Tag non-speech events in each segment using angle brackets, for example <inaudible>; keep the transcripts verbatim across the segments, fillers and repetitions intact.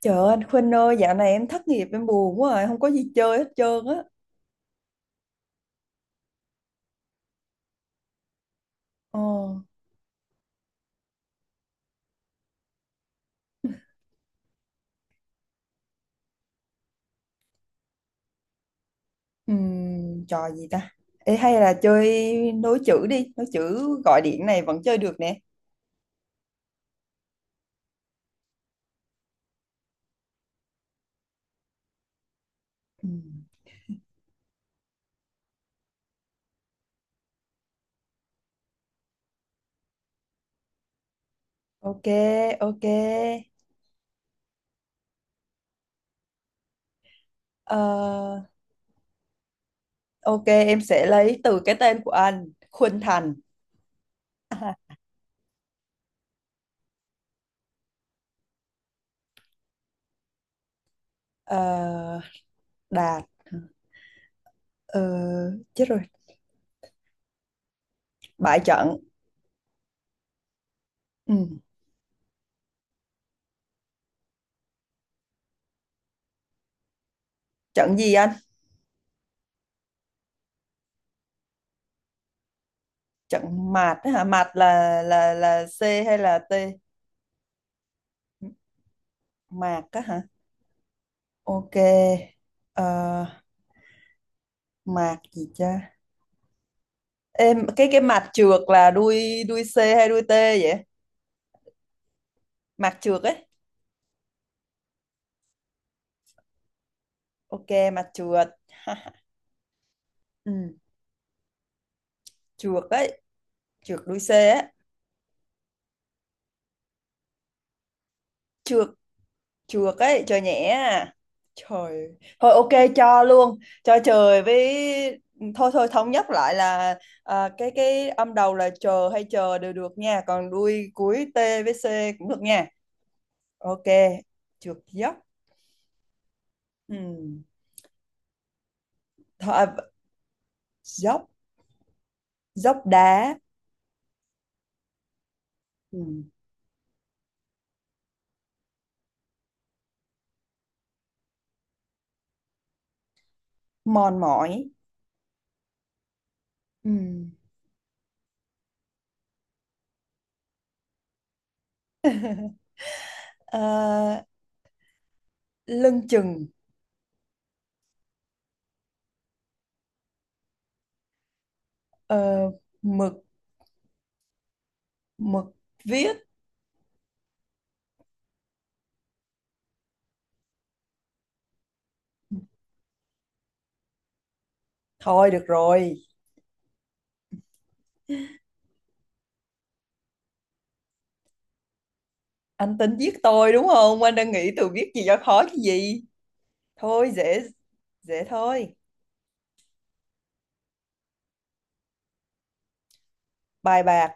Trời ơi, anh Khuynh ơi, dạo này em thất nghiệp, em buồn quá rồi, không có gì chơi hết trơn á. Ờ. Ừm, trò gì ta? Ê, hay là chơi nối chữ đi, nối chữ gọi điện này vẫn chơi được nè. Ừm. Ok, ok. Ờ, ok, em sẽ lấy từ cái tên của anh: Khuynh Thành. Ờ, Đạt. Ờ, chết rồi, bại trận. Ừm, trận gì anh? Trận mạt á hả? Mạt là là là C hay là T? Mạt á hả? Ok. Ờ, mạc gì cha? Em cái cái mạc trượt là đuôi đuôi C hay đuôi T vậy? Mạc trượt ấy. Ok, mạc trượt. <laughs> Ừ, trượt ấy, trượt đuôi C ấy. Trượt, trượt ấy, trời nhẹ. À. Trời. Thôi, ok, cho luôn, cho trời với. Ừ, thôi thôi, thống nhất lại là à, cái cái âm đầu là chờ hay chờ đều được nha, còn đuôi cuối T với C cũng được nha. Ok, trượt dốc. Ừ. Thôi, à, dốc, dốc đá. Ừ. mòn mỏi Ừ. ờ, Lưng chừng. ờ, Mực, mực viết. Thôi được rồi. Anh tính giết tôi đúng không, anh đang nghĩ từ viết gì cho khó chứ gì? Thôi dễ, dễ thôi. Bài bạc.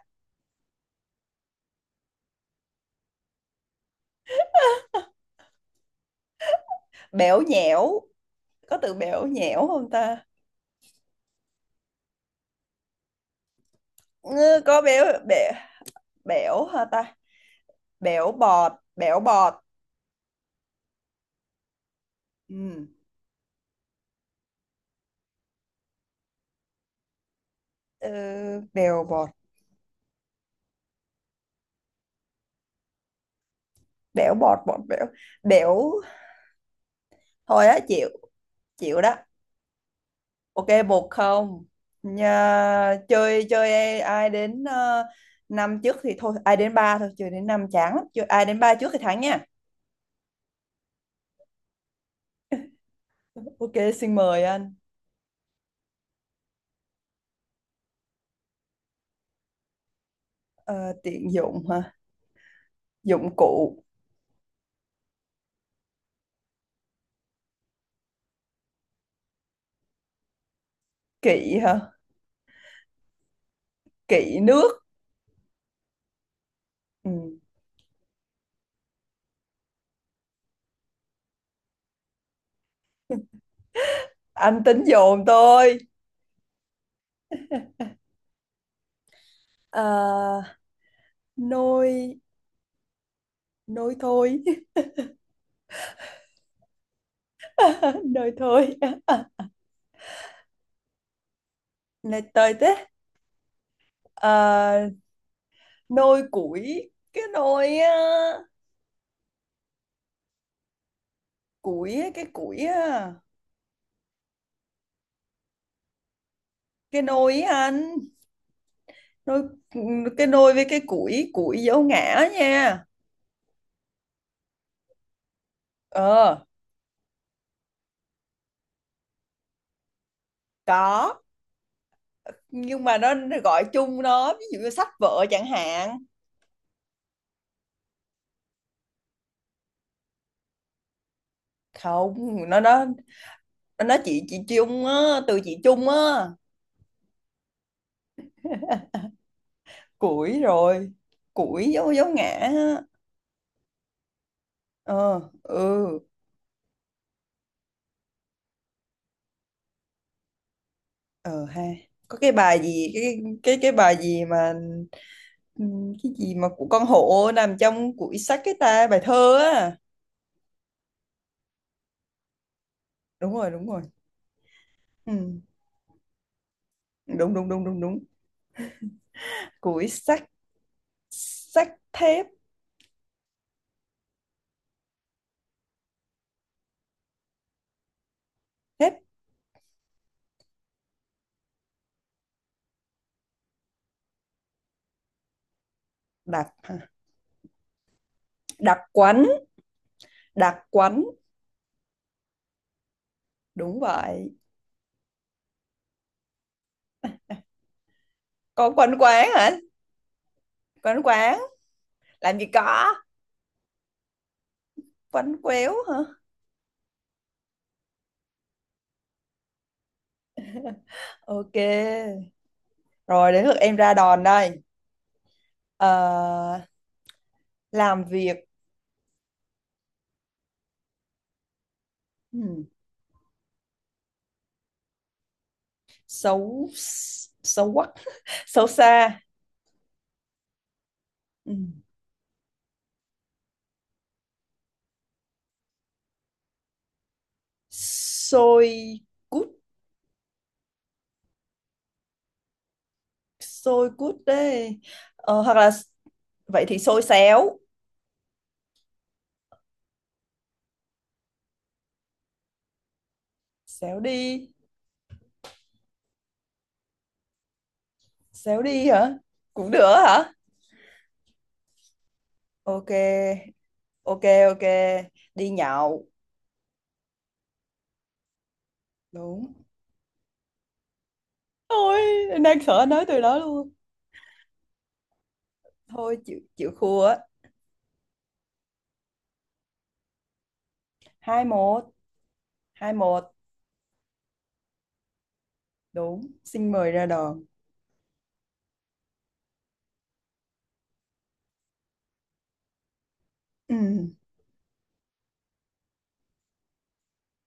Bẽo nhẽo, có từ bẽo nhẽo không ta? Ngư, có béo bẻ, bẽo hả ta? Bẽo bọt, bẽo bọt. Ừ. ờ, Bèo bọt, bẽo bọt, bọt bẽo, bẽo, thôi á chịu. Chịu đó. Ok, một không. Nhà, chơi chơi ai, đến ờ, năm trước thì thôi, ai đến ba thôi, chơi đến năm chán lắm, chơi ai đến ba trước thì thắng nha. Ok, xin mời anh. Ờ, tiện dụng hả? Dụng cụ. Kỵ hả? Kỵ nước. Ừ. Anh tính dồn tôi. Ờ, nôi nôi thôi. <laughs> Nôi thôi, nôi tôi thế. Ờ, nôi củi, cái nôi á, củi á, cái củi á, cái nôi á anh. Đôi, cái đôi với cái củi, củi dấu ngã nha. Ờ có, nhưng mà nó gọi chung nó, ví dụ như sách vợ chẳng hạn. Không, nó nó nó nói chị chị chung á, từ chị chung á. Củi rồi. Củi dấu dấu ngã á. Ờ ừ. Ờ ha, có cái bài gì, cái cái cái bài gì mà ừm, cái gì mà của con hổ nằm trong củi sách, cái ta, bài thơ á. Đúng rồi, đúng rồi. Ừ. Đúng đúng đúng đúng đúng. Củi sách. Xách thép. Thép đặc hả? Đặc quánh, đặc quánh, đúng vậy. Có quánh quán hả? Quánh quán, làm gì có? Quánh quéo hả? Ok. Rồi đến lượt em ra đòn đây. Ờ, làm việc. ừm, Xấu. Xấu quắc, <laughs> xấu xa. Ừm. Xôi cút, xôi cút đấy. Ờ, hoặc là vậy thì xôi xéo, xéo đi, xéo đi hả? Cũng được hả? Ok, ok, ok. Đi nhậu đúng. Ôi, em đang sợ nói từ đó luôn. Thôi chịu, chịu thua á. Hai một. Hai một đúng. Xin mời ra đòn. Ừ.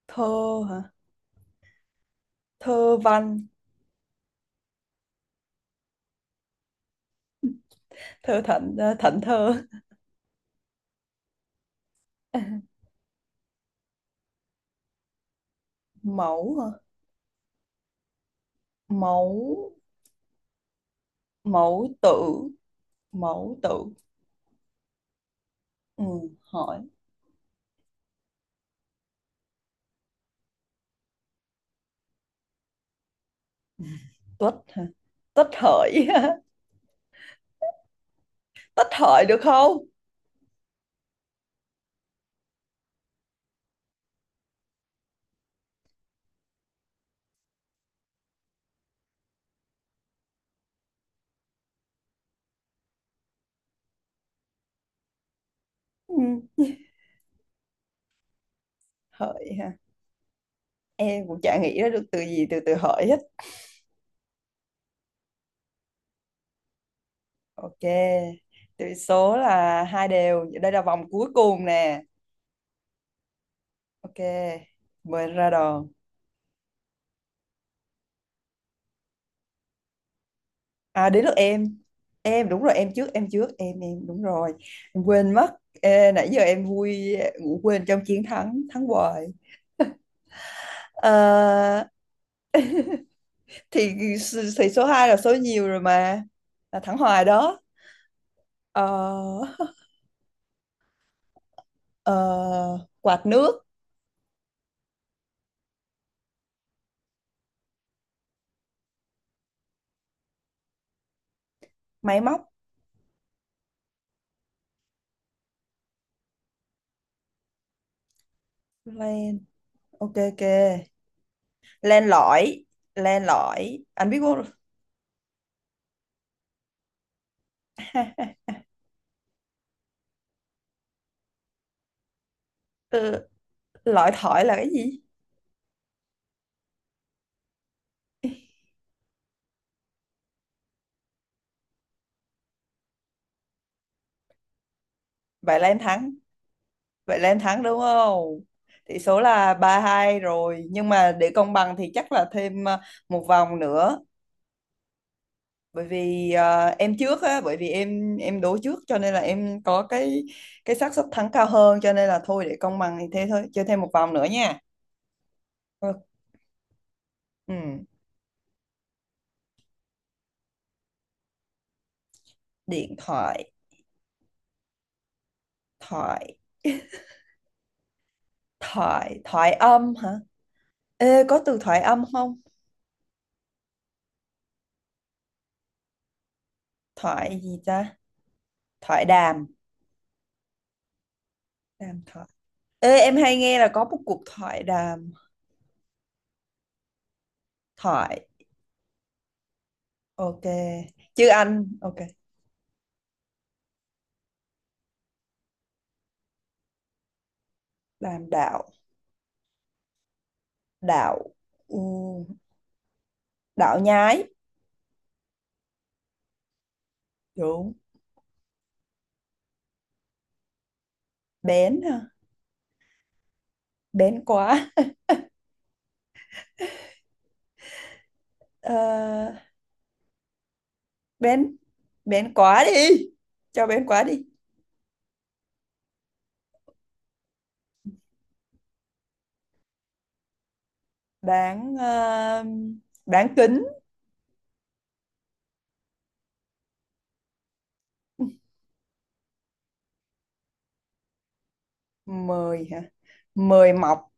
Thơ hả? Thơ văn. Thơ thận. ờ, Thận thơ. <laughs> Mẫu hả? Mẫu, mẫu tự. Mẫu tự. Ừ. Hỏi. Tuất hả? Tuất hợi. <laughs> Tuất hợi được không? Ừ. Hợi hả? Em cũng chả nghĩ ra được từ gì, từ từ hợi hết. Ok, tỷ số là hai đều. Đây là vòng cuối cùng nè. Ok, mời anh ra đòn. À, đến lượt em. Em đúng rồi, em trước, em trước, em em đúng rồi. Em quên mất. Ê, nãy giờ em vui ngủ quên trong chiến thắng, thắng hoài. Ờ, thì thì số hai là số nhiều rồi mà. Là thắng hoài đó. Ờ, ờ, quạt nước, máy móc, len. Ok, ok. Len lỏi, len lỏi. Anh biết không? <laughs> Lõi thỏi là cái gì? Vậy là em thắng. Vậy là em thắng đúng không? Tỷ số là ba hai rồi. Nhưng mà để công bằng thì chắc là thêm ờ, một vòng nữa. Bởi vì ờ, em trước á, bởi vì em em đố trước cho nên là em có cái cái xác suất thắng cao hơn, cho nên là thôi, để công bằng thì thế thôi, chơi thêm một vòng nữa nha. Ừ. Ừ. Điện thoại. Thoại, thoại, thoại âm hả? Ê, có từ thoại âm không? Thoại gì ta? Thoại đàm, đàm thoại. Ê, em hay nghe là có một cuộc thoại đàm. Thoại ok, chứ anh ok? Đàm đạo. Đạo. Ừ, đạo nhái. Đúng. Bén hả? Bén quá. Ờ, bén. Bén quá đi, cho bén quá đi. Đáng. ờ, Đáng kính. Mời hả? Mời mọc.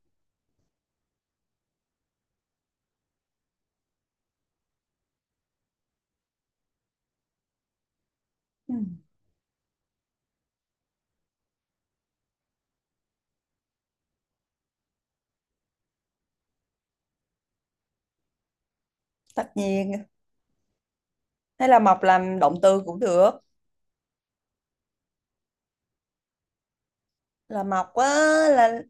Ừ, tất nhiên. Hay là mọc làm động từ cũng được, là mọc á, là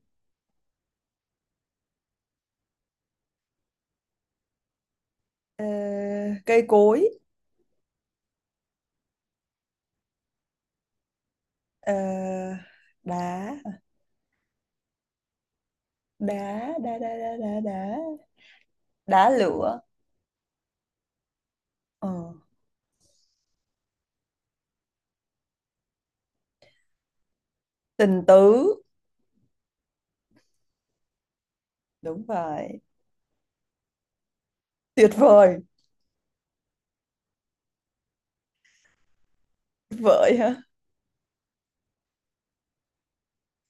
ờ, cây cối. ờ, Đá, đá đá đá đá đá đá. Đá lửa. Ờ. Tình tứ. Đúng vậy. Tuyệt vời. Vợi hả?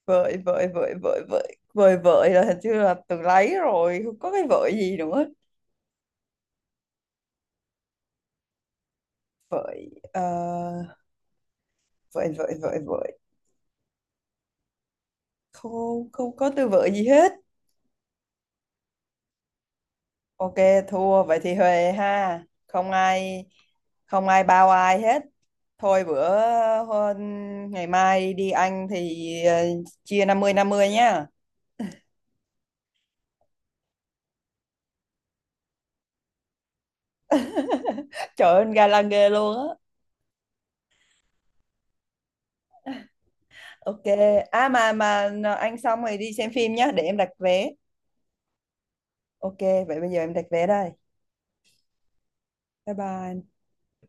Vợi vợi vợi vợi vợi. Vợi vợi là hình như là từ lấy rồi, không có cái vợi gì nữa. Vợi. ờ, Vợi vợi vợi vợi, không, không có từ vợi gì hết. Ok, thua. Vậy thì huề ha, không ai, không ai bao ai hết. Thôi bữa, hôm- ngày mai đi ăn thì ờ, chia năm mươi năm mươi nhá. Trời ơi, ga lăng ghê luôn á. Ok. À, mà mà anh xong rồi đi xem phim nhá, để em đặt vé. Ok, vậy bây giờ em đặt vé đây. Bye bye.